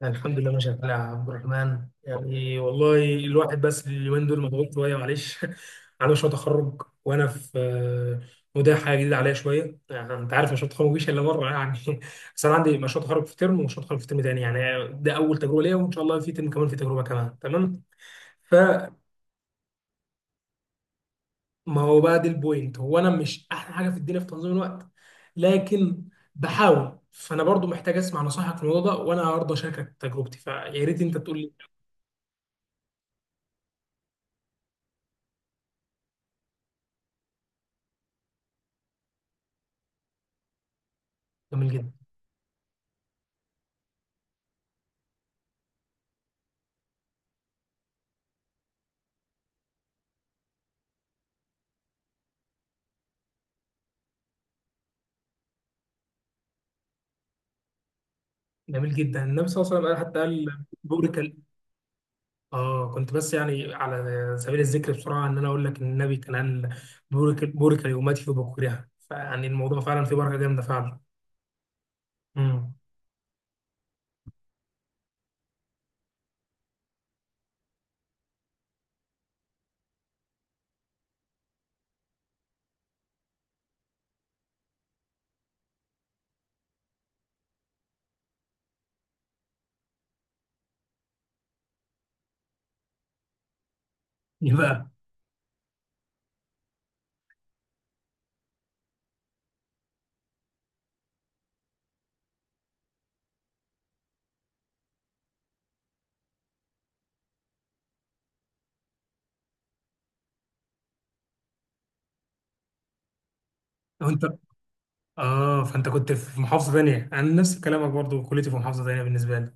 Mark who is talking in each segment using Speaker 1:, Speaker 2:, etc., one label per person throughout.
Speaker 1: يعني الحمد لله ماشي يا عبد الرحمن، يعني والله الواحد بس اليومين دول مضغوط شويه، معلش على مشروع تخرج وانا في وده حاجه جديده عليا شويه. يعني انت عارف، مشروع التخرج مفيش الا مره، يعني بس انا عندي مشروع تخرج في ترم ومشروع تخرج في ترم تاني، يعني ده اول تجربه ليا، وان شاء الله في ترم كمان في تجربه كمان. تمام. فما هو بقى دي البوينت، هو انا مش احلى حاجه في الدنيا في تنظيم الوقت، لكن بحاول. فانا برضو محتاج اسمع نصائحك في الموضوع ده، وانا هرضى اشاركك تجربتي، فيا ريت انت تقول لي. جميل جدا. جميل جدا، النبي صلى الله عليه وسلم حتى قال بورك اه، كنت بس يعني على سبيل الذكر بسرعه ان انا اقول لك ان النبي كان قال بورك بورك لامتي وبكورها، فيعني الموضوع فعلا فيه بركه جامده فعلا. امم. ايه بقى؟ لو انت اه، فانت كنت في محافظه ثانيه، انا نفس كلامك برضو، كليتي في محافظه ثانيه بالنسبه لي.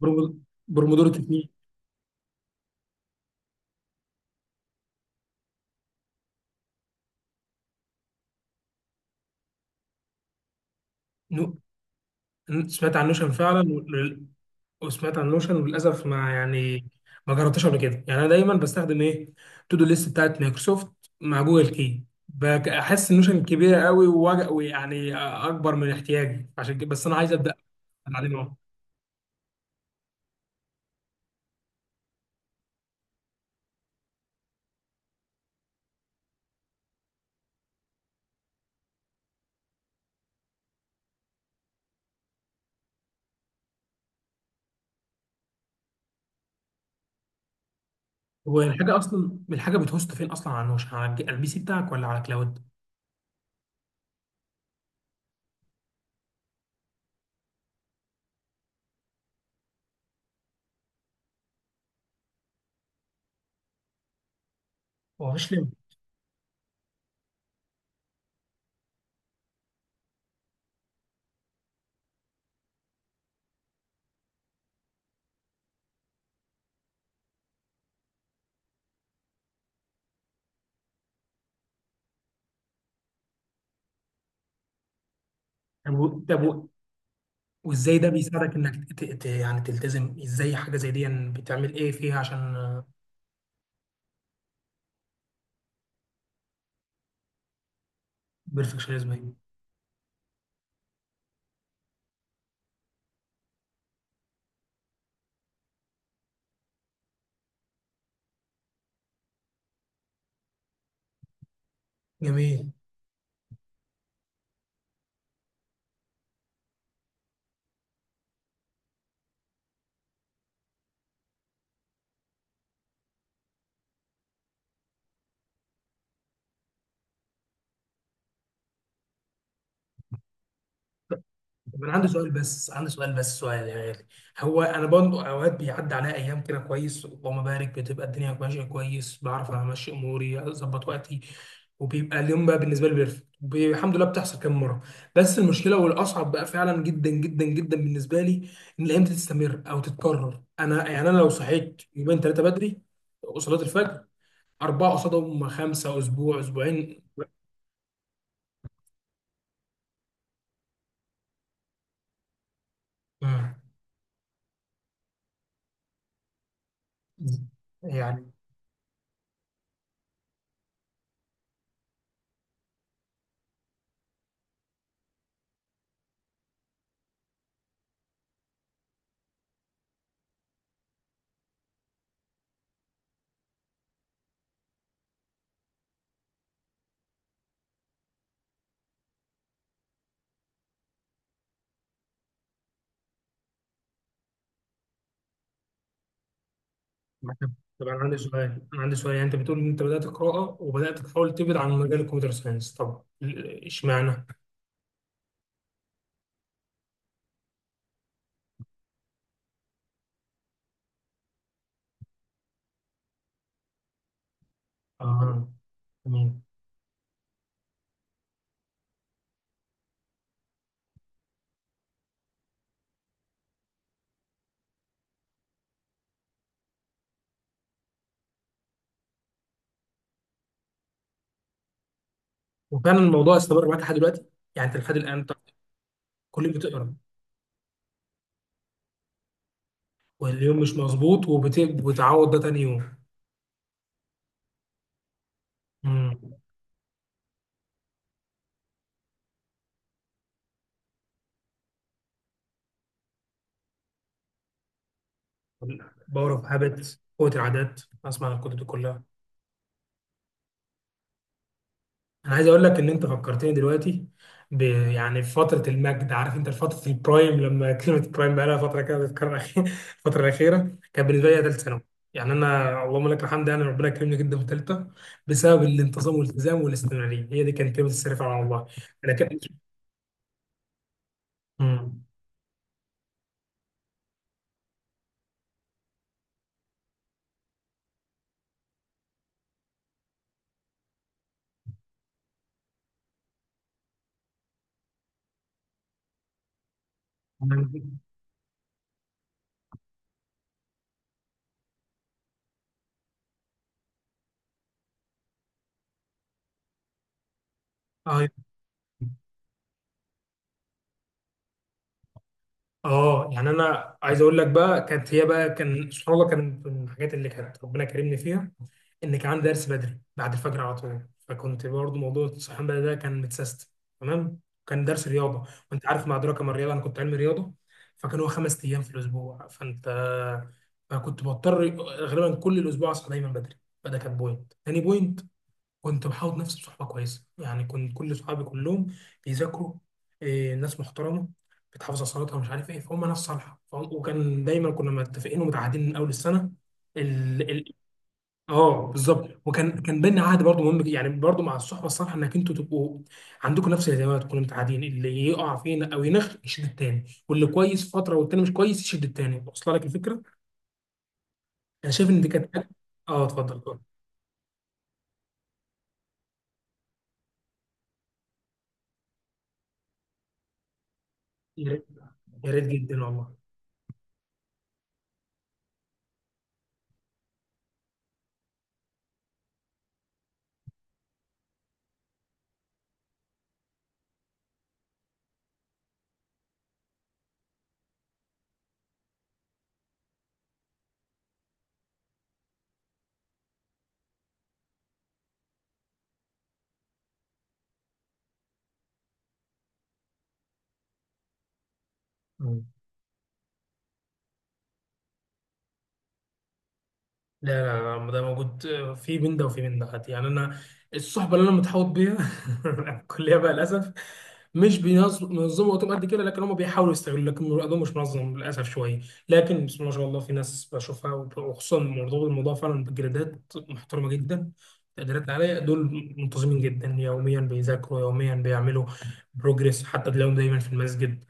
Speaker 1: برومو- برومودور كتير. انت سمعت عن نوشن فعلا، وسمعت عن نوشن وللاسف، ما يعني ما جربتهاش قبل كده. يعني انا دايما بستخدم ايه، تو دو ليست بتاعت مايكروسوفت مع جوجل كي. احس النوشن كبيره قوي، ويعني اكبر من احتياجي، عشان كده بس انا عايز ابدا اتعلمها أهو. هو الحاجه اصلا، الحاجه بتهوست فين اصلا، على نوشن على على البي سي بتاعك ولا على كلاود؟ هو مفيش ليميت؟ طب و- طب و- وازاي ده بيساعدك انك يعني تلتزم؟ ازاي حاجه زي دي يعني بتعمل ايه فيها عشان بيرفكشنزم؟ جميل. طب انا عندي سؤال، بس عندي سؤال، بس سؤال يا غالي. هو انا برضه اوقات بيعدي عليا ايام كده كويس، اللهم بارك، بتبقى الدنيا ماشيه كويس، بعرف امشي اموري، اظبط وقتي، وبيبقى اليوم بقى بالنسبه لي بيرفكت، الحمد لله، بتحصل كام مره. بس المشكله والاصعب بقى فعلا جدا جدا جدا بالنسبه لي، ان الايام دي تستمر او تتكرر. انا يعني انا لو صحيت يومين 3 بدري وصلاه الفجر، 4 قصادهم 5، اسبوع اسبوعين. آه. يعني طب طب انا عندي سؤال، يعني انت بتقول ان انت بدات قراءه وبدات تحاول تبعد عن مجال الكمبيوتر ساينس، طب اشمعنى؟ اه، تمام. وفعلا الموضوع استمر معاك لحد دلوقتي؟ يعني انت لحد الان أنت كل يوم بتقرا؟ واليوم مش مظبوط، وبتعوض ده تاني يوم. امم. باور اوف هابت، قوه العادات، اسمع عن الكتب دي كلها. انا عايز اقول لك ان انت فكرتني دلوقتي يعني في فتره المجد، عارف انت فتره البرايم، لما كلمه برايم بقى لها فتره كده بتتكرر الفتره الاخيره كان بالنسبه لي ثالث ثانوي. يعني انا اللهم لك الحمد، يعني ربنا كرمني جدا في ثالثه بسبب الانتظام والالتزام والاستمراريه، هي دي كانت كلمه السر فعلا والله. انا كنت. مم. اه، يعني انا عايز اقول لك بقى، كانت هي بقى، كان سبحان الله، كان من الحاجات اللي كانت ربنا كرمني فيها ان كان عندي درس بدري بعد الفجر على طول، فكنت برضو موضوع الصحيان بدري ده كان متسيستم. تمام. كان درس رياضه، وانت عارف مع ادراك ما الرياضه، انا كنت علمي رياضه، فكان هو 5 ايام في الاسبوع. فانت فكنت بضطر غالبا كل الاسبوع اصحى دايما بدري، فده كان بوينت، تاني بوينت كنت بحاول نفسي بصحبة كويسة. يعني كنت كل صحابي كلهم بيذاكروا، إيه، ناس محترمة بتحافظ على صلاتها ومش عارف ايه، فهم ناس صالحة، فهم وكان دايما كنا متفقين ومتعهدين من أول السنة ال... ال... اه، بالظبط. وكان بينا عهد برضه مهم جدا، يعني برضه مع الصحبة الصالحة انك انتوا تبقوا عندكم نفس الاهتمامات، تكونوا متعهدين، اللي يقع فينا او يشد التاني، واللي كويس فترة والتاني مش كويس يشد التاني. واصله لك الفكرة؟ انا شايف ان دي كانت. اه، اتفضل اتفضل. يا ريت، يا ريت جدا والله. لا، لا، لا، ده موجود. في من ده وفي من ده، حتى يعني انا الصحبه اللي انا متحوط بيها في الكليه بقى للاسف مش بينظموا وقتهم قد كده، لكن هم بيحاولوا يستغلوا، لكن وقتهم مش منظم للاسف شويه. لكن بسم الله ما شاء الله في ناس بشوفها، وخصوصا مرتبط الموضوع فعلا بجريدات محترمه جدا، تقديرات عاليه، دول منتظمين جدا، يوميا بيذاكروا، يوميا بيعملوا بروجريس، حتى تلاقيهم دايما في المسجد،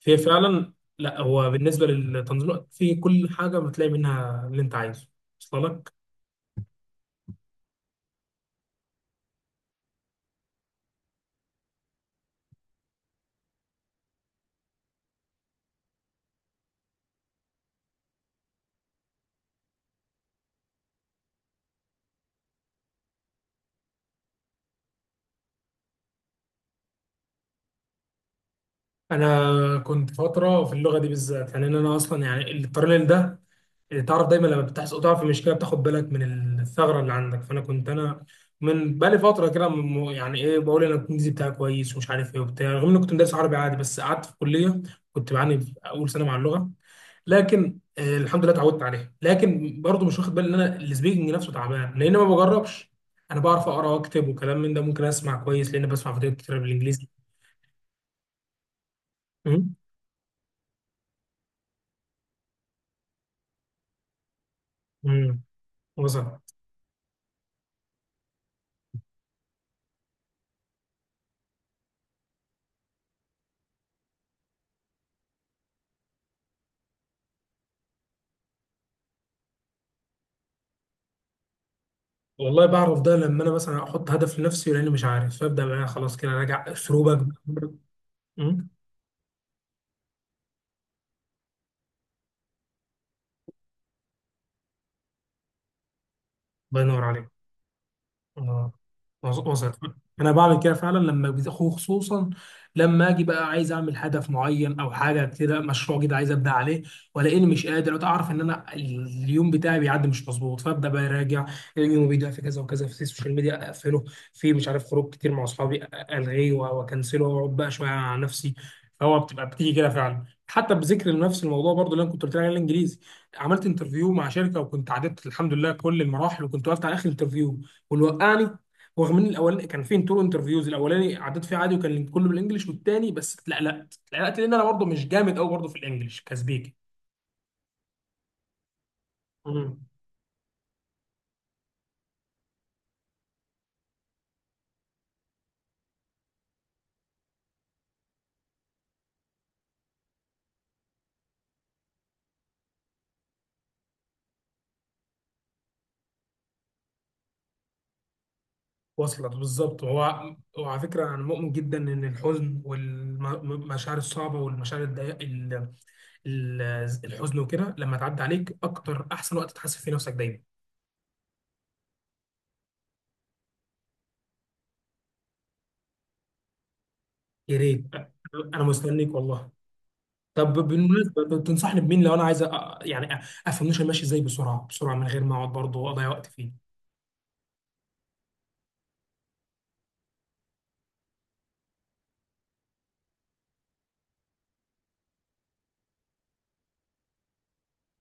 Speaker 1: في فعلا. لا، هو بالنسبه للتنظيم الوقت في كل حاجه بتلاقي منها اللي انت عايزه. وصل لك. انا كنت فتره في اللغه دي بالذات، يعني ان انا اصلا يعني الباراليل ده اللي تعرف دايما لما بتحصل تقع في مشكله بتاخد بالك من الثغره اللي عندك. فانا كنت انا من بقالي فتره كده يعني ايه، بقول انا الانجليزي بتاعي كويس ومش عارف ايه وبتاع، رغم اني كنت مدرس عربي عادي، بس قعدت في الكليه كنت بعاني في اول سنه مع اللغه، لكن الحمد لله اتعودت عليها. لكن برضه مش واخد بالي ان انا السبيكنج نفسه تعبان لان ما بجربش. انا بعرف اقرا واكتب وكلام من ده، ممكن اسمع كويس لان بسمع فيديوهات كتير بالانجليزي. امم. امم، وصل. والله بعرف ده لما انا مثلا احط هدف لنفسي، لاني مش عارف، فابدا بقى خلاص كده راجع اسلوبك. أمم، الله ينور عليك. اه، وصلت. انا بعمل كده فعلا، لما خصوصا لما اجي بقى عايز اعمل هدف معين او حاجه كده، مشروع كده عايز ابدا عليه، والاقيني مش قادر اعرف ان انا اليوم بتاعي بيعدي مش مظبوط، فابدا بقى اراجع. اليوم بيضيع في كذا وكذا، في السوشيال ميديا اقفله، في مش عارف خروج كتير مع اصحابي الغيه واكنسله واقعد بقى شويه على نفسي. فهو بتبقى بتيجي كده فعلا، حتى بذكر لنفس الموضوع برضو اللي انا كنت قلت لك عليه، الانجليزي، عملت انترفيو مع شركه وكنت عديت الحمد لله كل المراحل، وكنت وقفت على اخر انترفيو والوقعني. ورغم ان الاولاني كان فين تو انترفيوز، الاولاني عديت فيه عادي وكان كله بالانجلش، والتاني بس اتلقلقت، لان انا برضه مش جامد قوي برضه في الانجلش كسبيكي. امم، وصلت بالظبط. هو وعلى فكره انا مؤمن جدا ان الحزن والمشاعر الصعبه والمشاعر الضيق ال- الحزن وكده، لما تعدي عليك اكتر احسن وقت تحاسب فيه نفسك دايما. يا ريت. انا مستنيك والله. طب بالمناسبه، تنصحني بمين لو انا عايز يعني افهم ماشي ازاي بسرعه بسرعه من غير ما اقعد برضه واضيع وقت فيه؟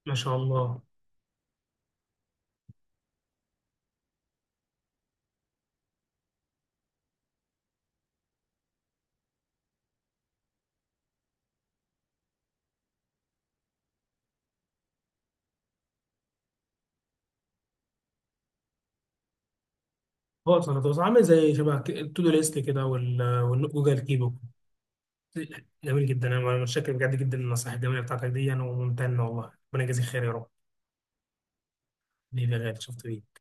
Speaker 1: ما شاء الله. هو اصلا هو عامل زي شبه التودو ليست كده والجوجل كيبو. جميل جدا. أنا متشكر بجد جدا، النصائح الجميله بتاعتك دي انا وممتن، والله ربنا يجازيك خير يا رب. حبيبي يا غالي، شفت بيه.